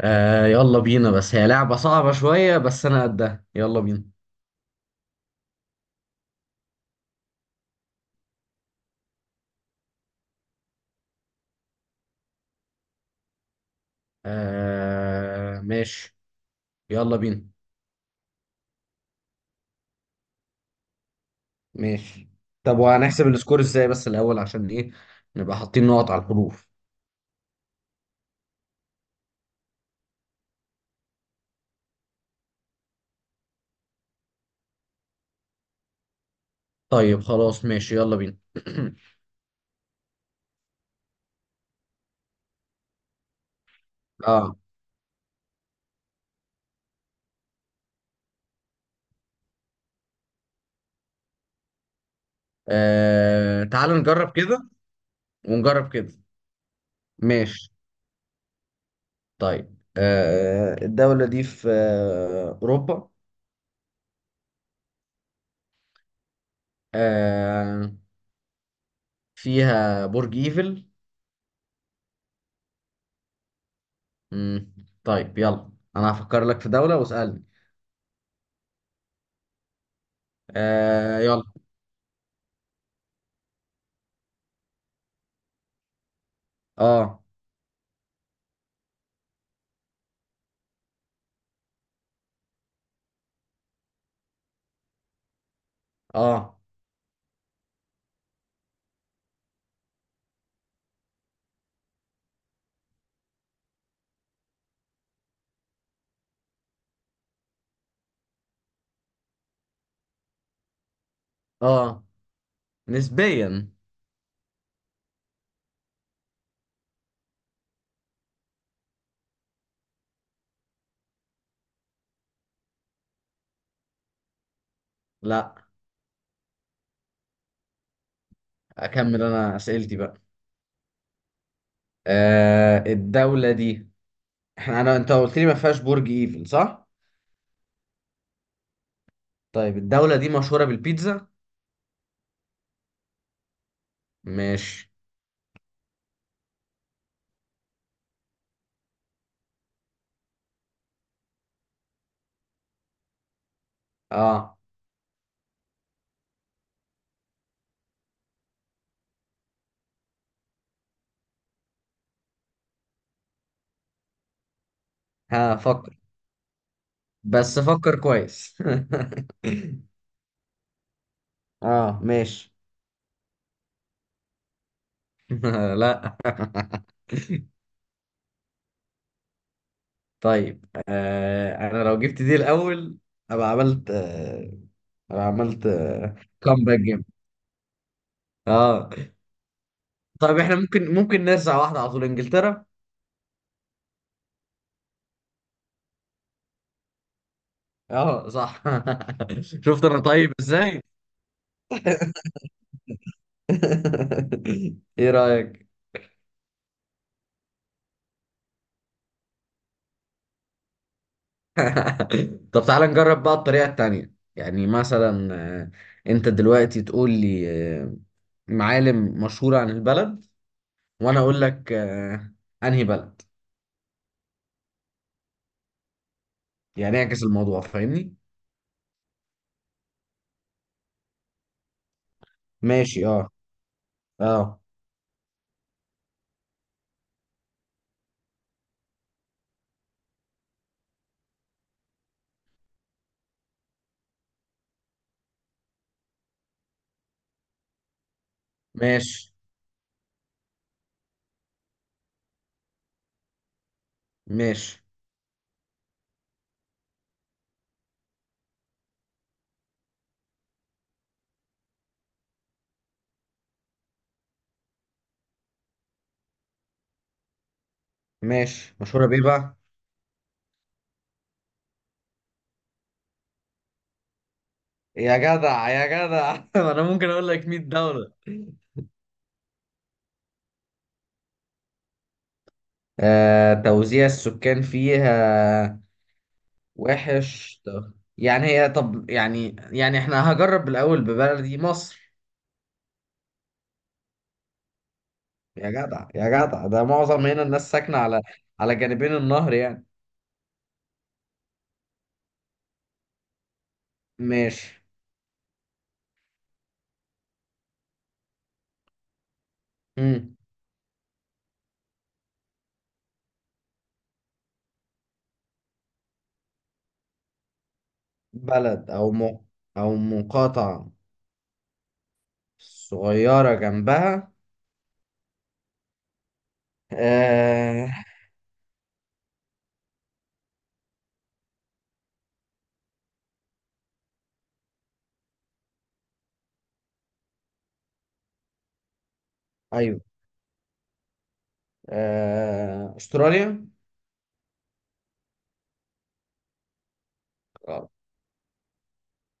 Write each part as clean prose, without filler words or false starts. آه يلا بينا، بس هي لعبة صعبة شوية، بس أنا قدها. يلا بينا. آه ماشي. يلا بينا ماشي. طب وهنحسب السكور ازاي بس الأول عشان إيه؟ نبقى حاطين نقط على الحروف. طيب خلاص ماشي، يلا بينا. آه, آه تعال نجرب كده ونجرب كده. ماشي طيب. آه الدولة دي في أوروبا. آه فيها برج إيفل. مم. طيب يلا، أنا هفكر لك في دولة واسألني. آه يلا. اه. اه. اه نسبيا. لا اكمل انا اسئلتي بقى. آه الدولة دي، انا انت قلت لي ما فيهاش برج ايفل صح؟ طيب الدولة دي مشهورة بالبيتزا؟ ماشي. اه ها، فكر، بس فكر كويس. اه ماشي. لا. طيب آه انا لو جبت دي الاول ابقى عملت آه، ابقى عملت آه كومباك جيم. اه طيب احنا ممكن نرجع واحدة على طول: انجلترا. اه صح. شفت انا طيب ازاي. ايه رأيك؟ طب تعالى نجرب بقى الطريقة التانية، يعني مثلا آه، انت دلوقتي تقول لي آه، معالم مشهورة عن البلد، وانا اقول لك آه، انهي بلد. يعني اعكس الموضوع، فاهمني؟ ماشي. اه. اه ماشي. ماشي. ماشي مشهورة بيه بقى. يا جدع يا جدع، انا ممكن اقول لك 100. آه، توزيع السكان فيها وحش. يعني هي، طب يعني، يعني احنا هجرب الأول ببلدي مصر. يا جدع يا جدع، ده معظم هنا الناس ساكنة على على جانبين النهر يعني. ماشي. مم. بلد أو أو مقاطعة صغيرة جنبها. آه... أيوه. آه... أستراليا. آه،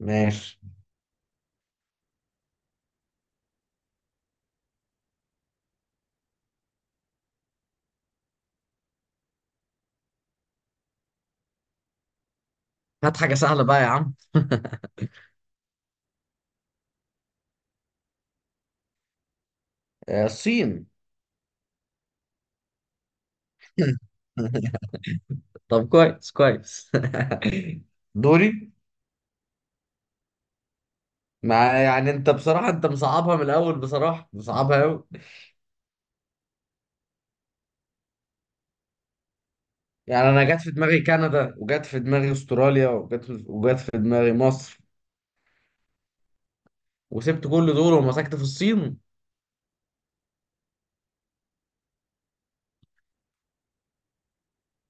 ماشي. هات حاجة سهلة بقى يا عم. آه، الصين. طب كويس كويس. دوري. ما يعني انت بصراحة، انت مصعبها من الاول بصراحة، مصعبها قوي. يعني انا جت في دماغي كندا، وجت في دماغي استراليا، وجت في دماغي مصر، وسبت كل دول ومسكت في الصين.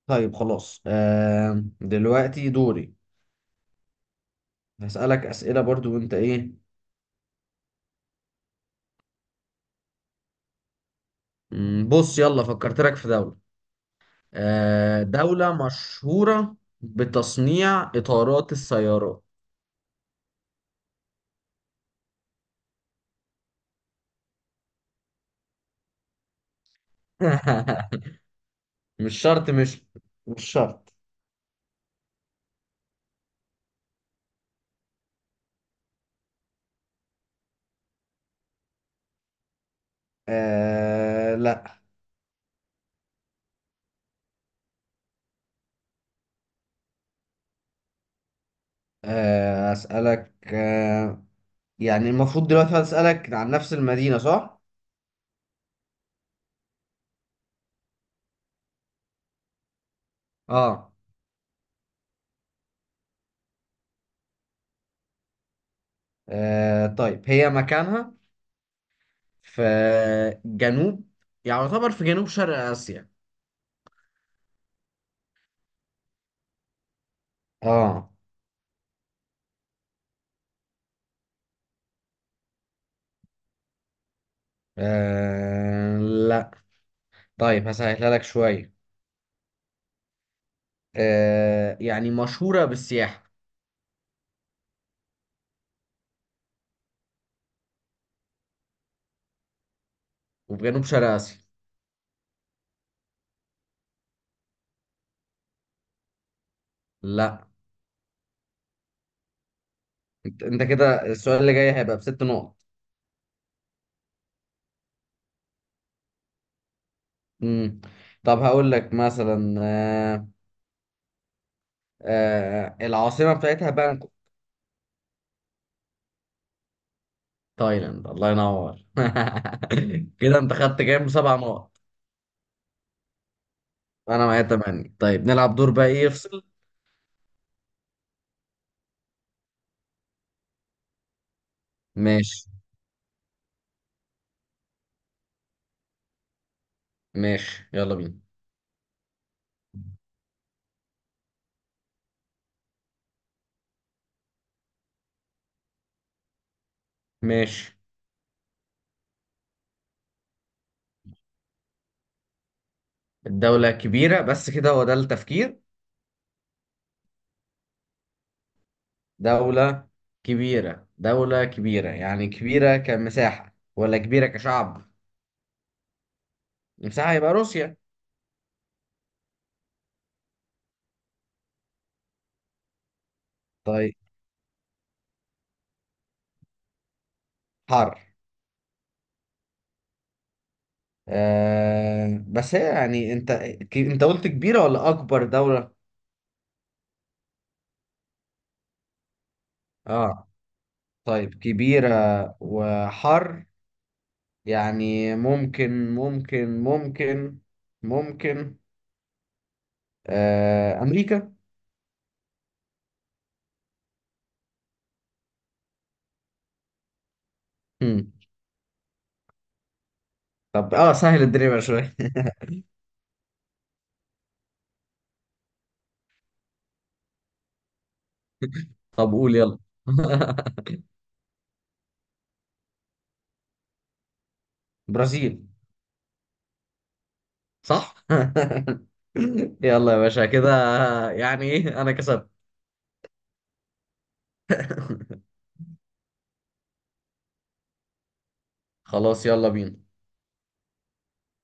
طيب خلاص. آه دلوقتي دوري، هسألك أسئلة برضو وانت ايه. مم، بص يلا فكرت لك في دولة، آه دولة مشهورة بتصنيع إطارات السيارات. مش شرط، مش مش شرط. آه لا. آه أسألك آه، يعني المفروض دلوقتي هسألك عن نفس المدينة صح؟ اه, آه طيب هي مكانها في جنوب، يعني يعتبر في جنوب شرق آسيا. اه, آه لا. طيب هسهلها لك شوية. آه يعني مشهورة بالسياحة وفي جنوب شرق آسيا. لا. انت كده السؤال اللي جاي هيبقى بست نقط. مم. طب هقول لك مثلا آه، آه العاصمة بتاعتها بانكوك. تايلاند الله ينور. كده انت خدت كام، سبع نقط. انا معايا تمانية. طيب نلعب دور بقى ايه يفصل. ماشي ماشي، يلا بينا ماشي. الدولة كبيرة بس كده هو ده التفكير؟ دولة كبيرة، دولة كبيرة، يعني كبيرة كمساحة ولا كبيرة كشعب؟ المساحة يبقى روسيا. طيب حر. آه بس هي يعني انت، انت قلت كبيرة ولا اكبر دولة؟ اه طيب، كبيرة وحر، يعني ممكن، ممكن، ممكن، ممكن آه أمريكا. مم. طب اه سهل الدنيا بقى شوية. طب قول يلا. برازيل. صح. يلا يا باشا كده، يعني ايه انا كسبت. خلاص يلا بينا.